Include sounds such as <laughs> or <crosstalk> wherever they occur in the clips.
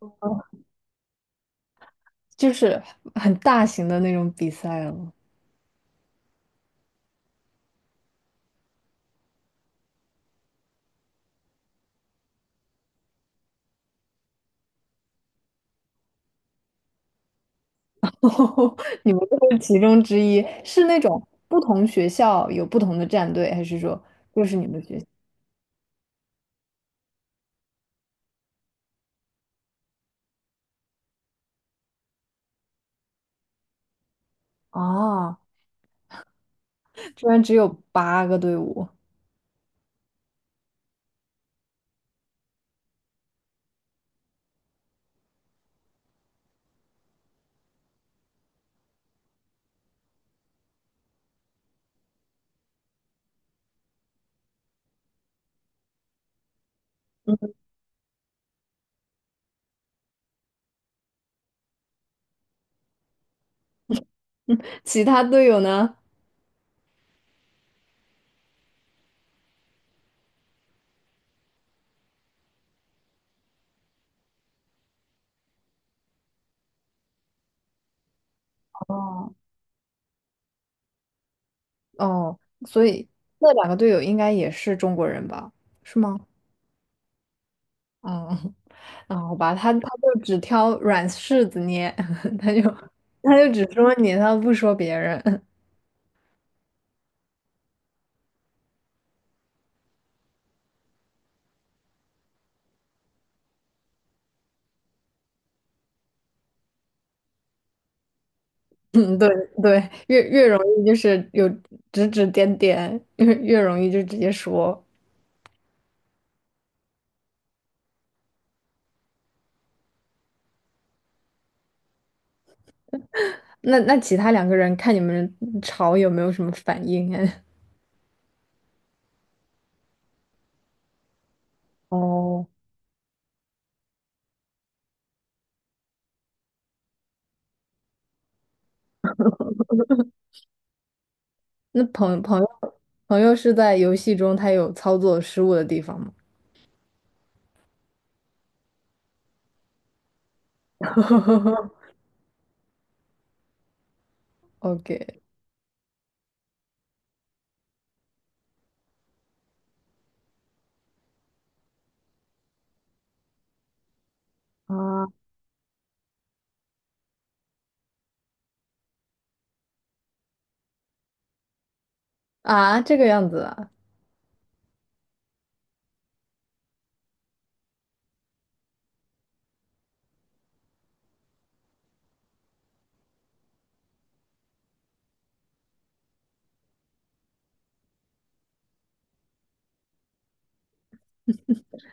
哦，就是很大型的那种比赛了。<laughs> 你们这是其中之一，是那种不同学校有不同的战队，还是说就是你们学校？啊？居然只有八个队伍，<laughs> 其他队友呢？哦哦，所以那两个队友应该也是中国人吧？是吗？嗯，<laughs> 那好吧，他就只挑软柿子捏，<laughs> 他就他就只说你，他不说别人。嗯，对对，越容易就是有指指点点，越容易就直接说。那其他两个人看你们吵有没有什么反应哎？<laughs> 哦，那朋友是在游戏中他有操作失误的地方吗 <laughs>？OK 啊，啊，这个样子啊，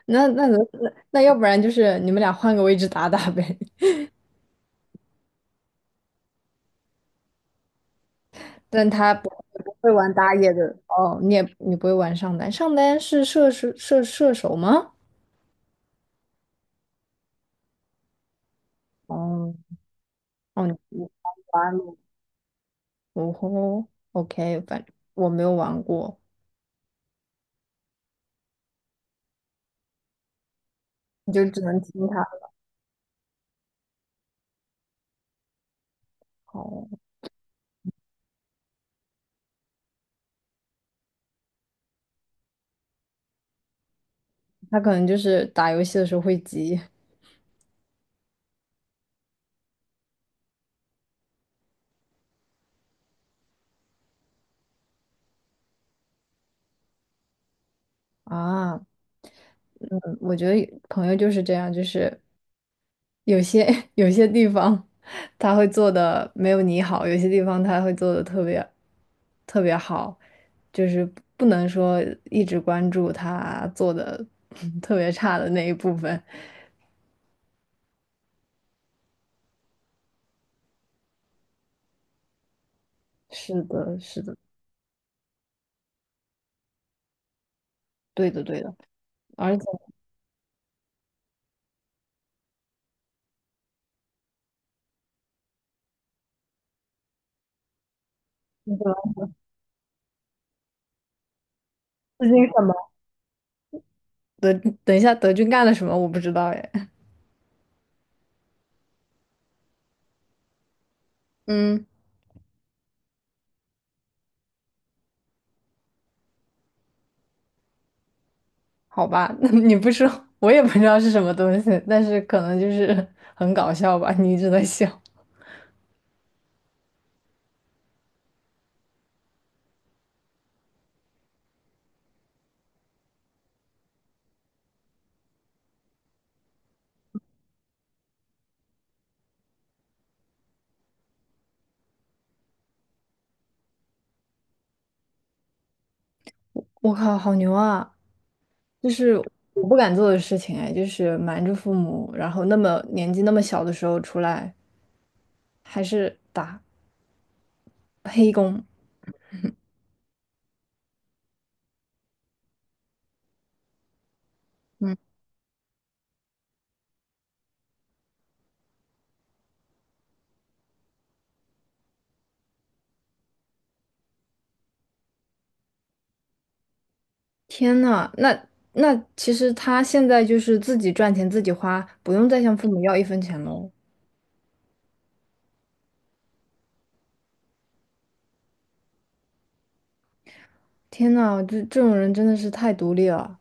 那那那那要不然就是你们俩换个位置打打呗。<laughs> 但他不会玩打野的哦，你也你不会玩上单，上单是射手吗？哦哦，你玩了哦吼，OK,反正我没有玩过，你就只能听他它。哦，他可能就是打游戏的时候会急啊，嗯，我觉得朋友就是这样，就是有些 <laughs> 有些地方他会做的没有你好，有些地方他会做的特别特别好，就是不能说一直关注他做的 <laughs> 特别差的那一部分。是的，是的，对的，对的。而且那个资金什么德，等一下德军干了什么我不知道哎。嗯，好吧，<laughs> 那你不说我也不知道是什么东西，但是可能就是 <laughs> 很搞笑吧，你一直在笑。我靠，好牛啊！就是我不敢做的事情哎，就是瞒着父母，然后那么年纪那么小的时候出来，还是打黑工。嗯，天呐，那其实他现在就是自己赚钱自己花，不用再向父母要一分钱喽。天呐，这种人真的是太独立了，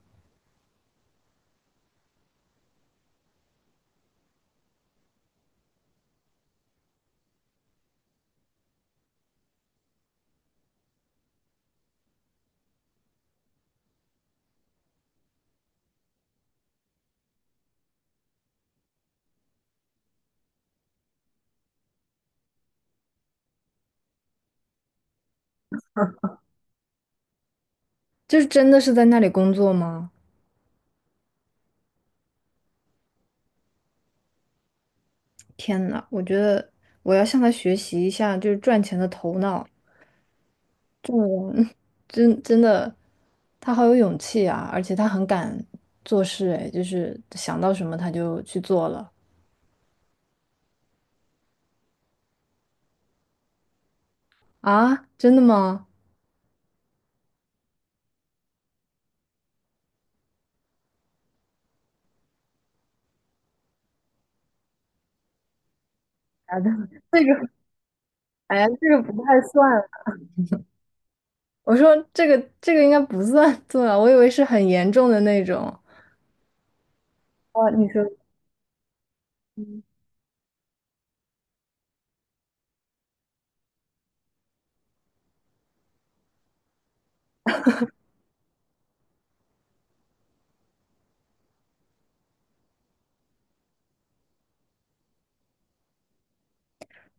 就是真的是在那里工作吗？天呐，我觉得我要向他学习一下，就是赚钱的头脑，真的，他好有勇气啊，而且他很敢做事，哎，就是想到什么他就去做了啊，真的吗？啊，这个，哎呀，这个不太算。我说这个应该不算做啊，我以为是很严重的那种。哦，你说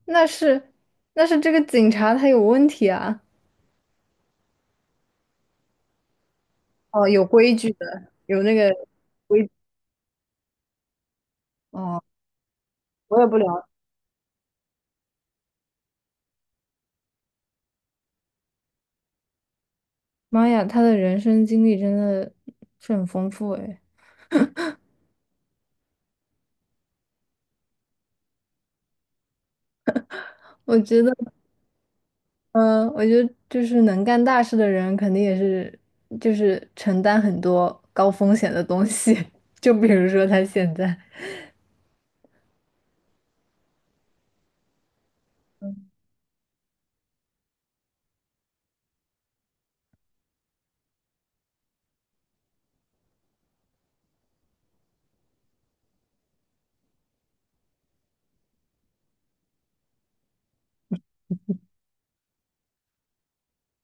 那是那是这个警察他有问题啊。哦，有规矩的，有那个规，哦，我也不了解。妈呀，他的人生经历真的是很丰富诶。我觉得，嗯，我觉得就是能干大事的人，肯定也是就是承担很多高风险的东西。<laughs> 就比如说他现在，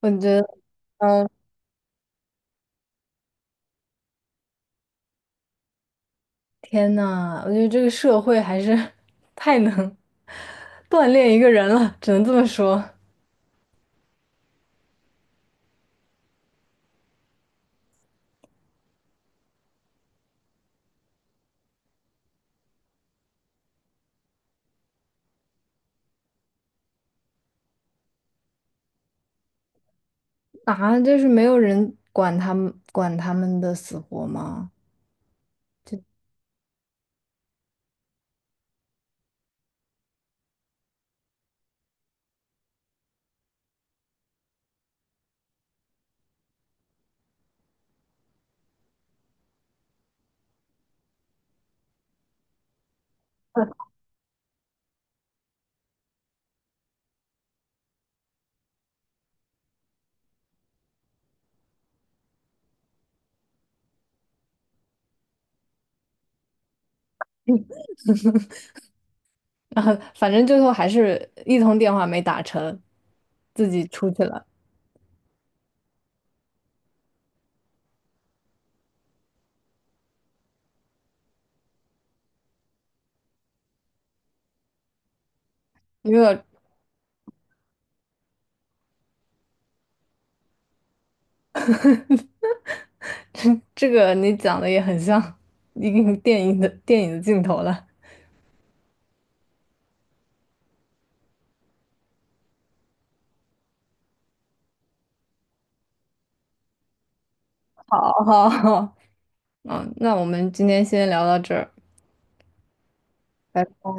我觉得，嗯，天呐，我觉得这个社会还是 <laughs> 太能锻炼一个人了，只能这么说啊，就是没有人管他们的死活吗？<laughs> 反正最后还是一通电话没打成，自己出去了。因为我 <laughs> 这个你讲的也很像一个 <laughs> 电影的镜头了。好好好，<laughs> 嗯，那我们今天先聊到这儿，拜拜。